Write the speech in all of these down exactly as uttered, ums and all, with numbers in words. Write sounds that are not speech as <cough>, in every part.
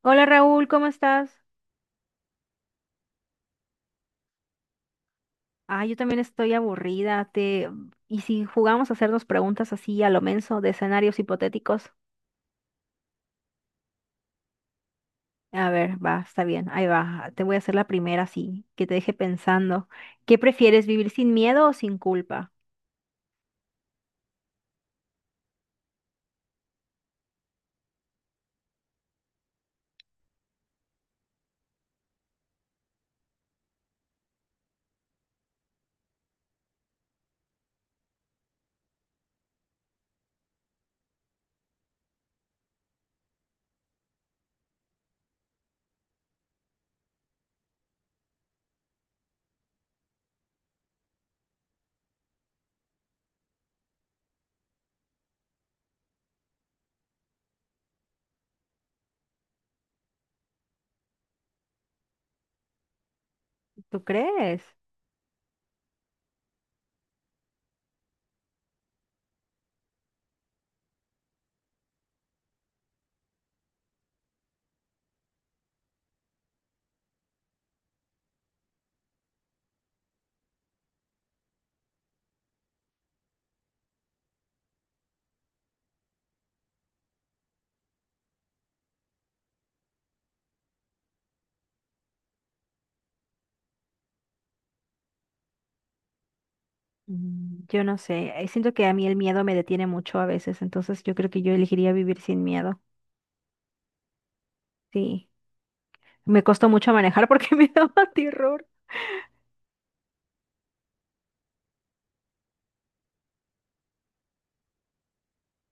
Hola Raúl, ¿cómo estás? Ah, yo también estoy aburrida. Te... ¿Y si jugamos a hacernos preguntas así a lo menso de escenarios hipotéticos? A ver, va, está bien, ahí va. Te voy a hacer la primera así, que te deje pensando. ¿Qué prefieres, vivir sin miedo o sin culpa? ¿Tú crees? Mm, yo no sé, eh, siento que a mí el miedo me detiene mucho a veces, entonces yo creo que yo elegiría vivir sin miedo. Sí, me costó mucho manejar porque <laughs> me daba terror.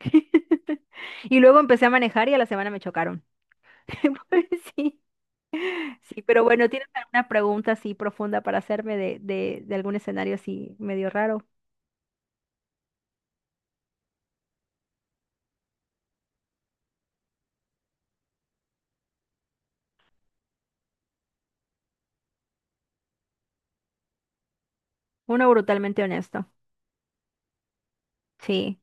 <laughs> Y luego empecé a manejar y a la semana me chocaron. <laughs> Pues sí, sí, pero bueno, ¿tienes alguna pregunta así profunda para hacerme de, de, de algún escenario así medio raro? Uno brutalmente honesto. Sí,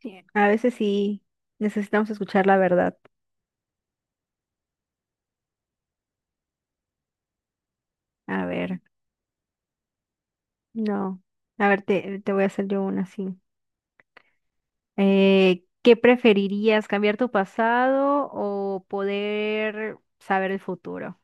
sí, a veces sí necesitamos escuchar la verdad. A ver, no. A ver, te, te voy a hacer yo una así. Eh, ¿qué preferirías, cambiar tu pasado o poder saber el futuro?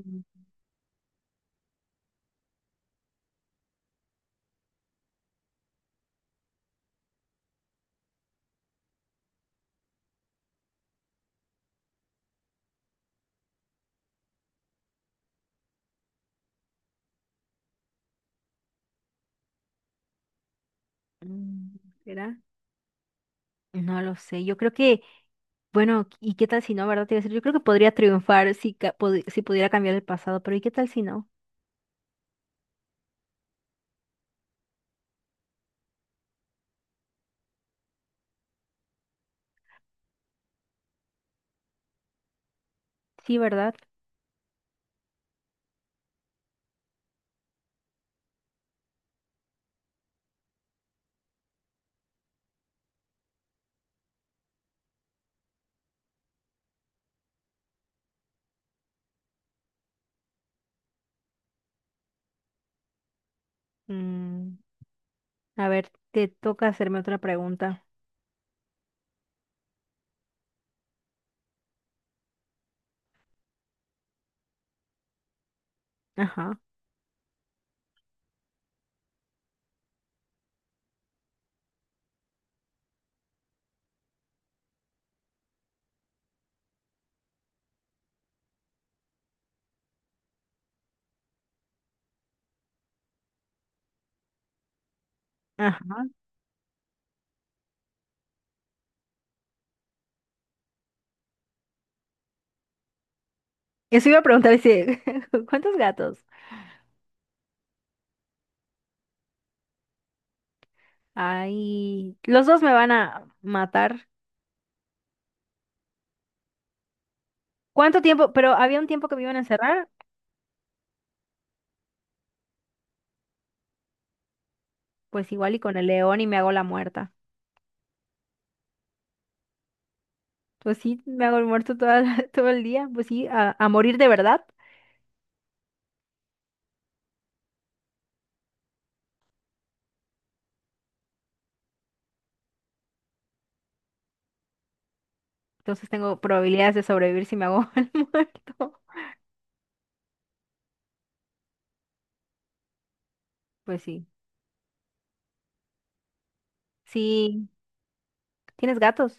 Mm, mm, ¿Será? No lo sé, yo creo que, bueno, ¿y qué tal si no, verdad? Te iba a decir, yo creo que podría triunfar si, ca- pod- si pudiera cambiar el pasado, pero ¿y qué tal si no? Sí, ¿verdad? Mm, a ver, te toca hacerme otra pregunta. Ajá, ajá. Eso iba a preguntar, dice, <laughs> ¿cuántos gatos? Ay, los dos me van a matar. ¿Cuánto tiempo? Pero había un tiempo que me iban a encerrar, pues igual y con el león y me hago la muerta. Pues sí, me hago el muerto toda la- <laughs> todo el día, pues sí, a, a morir de verdad. Entonces tengo probabilidades de sobrevivir si me hago <laughs> el muerto. Pues sí. Sí. ¿Tienes gatos?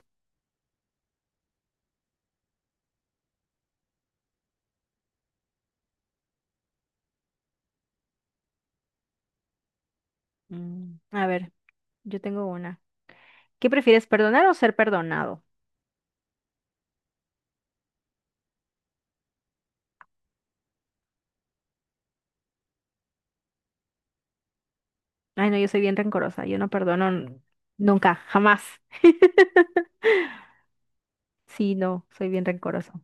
Mm, a ver, yo tengo una. ¿Qué prefieres, perdonar o ser perdonado? Ay, no, yo soy bien rencorosa. Yo no perdono n- nunca, jamás. <laughs> Sí, no, soy bien rencoroso.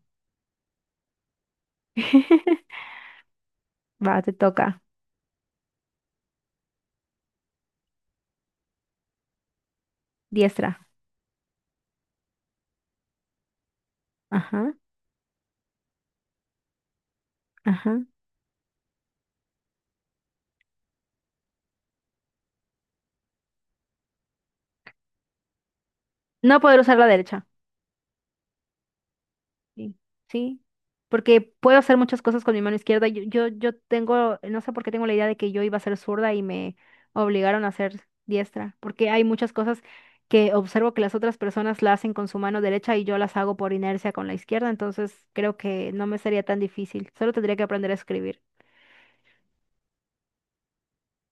<laughs> Va, te toca. Diestra. Ajá, ajá. No poder usar la derecha. Sí, sí, porque puedo hacer muchas cosas con mi mano izquierda. Yo, yo, yo tengo, no sé por qué tengo la idea de que yo iba a ser zurda y me obligaron a ser diestra, porque hay muchas cosas que observo que las otras personas la hacen con su mano derecha y yo las hago por inercia con la izquierda, entonces creo que no me sería tan difícil, solo tendría que aprender a escribir.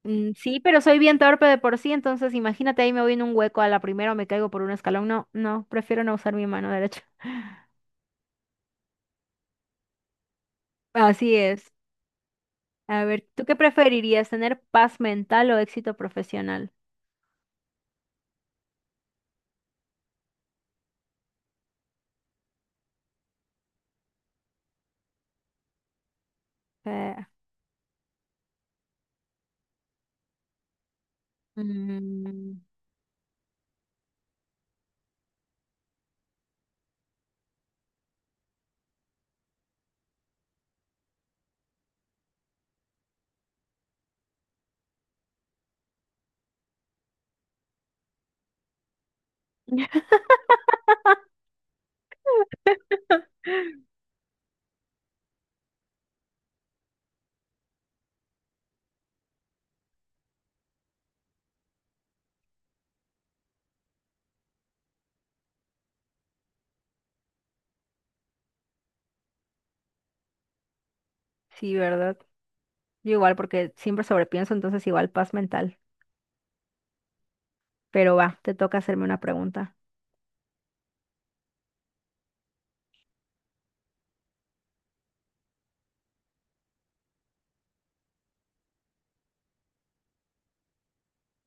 Mm, sí, pero soy bien torpe de por sí, entonces imagínate ahí me voy en un hueco a la primera o me caigo por un escalón. No, no, prefiero no usar mi mano derecha. <laughs> Así es. A ver, ¿tú qué preferirías, tener paz mental o éxito profesional? Eh, Mm, <laughs> sí, ¿verdad? Yo igual, porque siempre sobrepienso, entonces igual paz mental. Pero va, te toca hacerme una pregunta.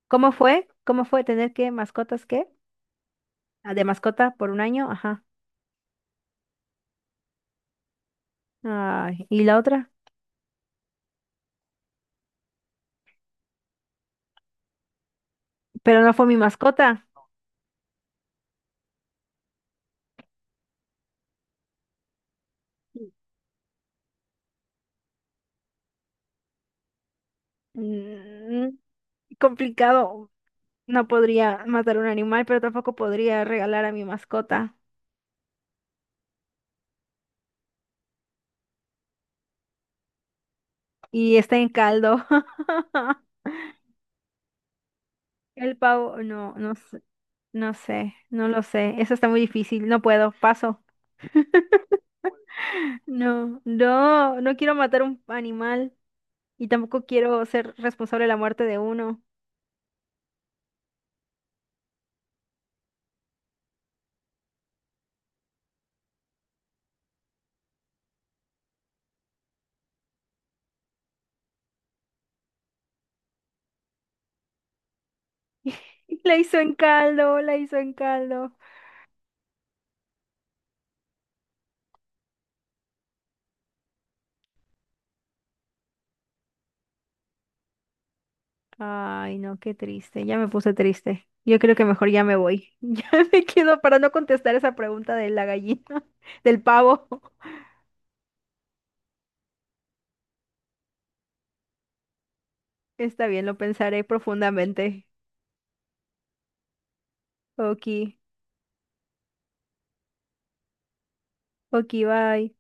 ¿Cómo fue? ¿Cómo fue tener que mascotas qué? Ah, de mascota por un año, ajá. Ay, ¿y la otra? Pero no fue mi mascota. Mm, complicado. No podría matar un animal, pero tampoco podría regalar a mi mascota. Y está en caldo. <laughs> El pavo, no, no, sé- no sé, no lo sé. Eso está muy difícil, no puedo, paso. <laughs> No, no, no quiero matar un animal y tampoco quiero ser responsable de la muerte de uno. <laughs> La hizo en caldo, la hizo en caldo. Ay, no, qué triste, ya me puse triste. Yo creo que mejor ya me voy. <laughs> Ya me quedo para no contestar esa pregunta de la gallina, <laughs> del pavo. Está bien, lo pensaré profundamente. Ok, ok, bye.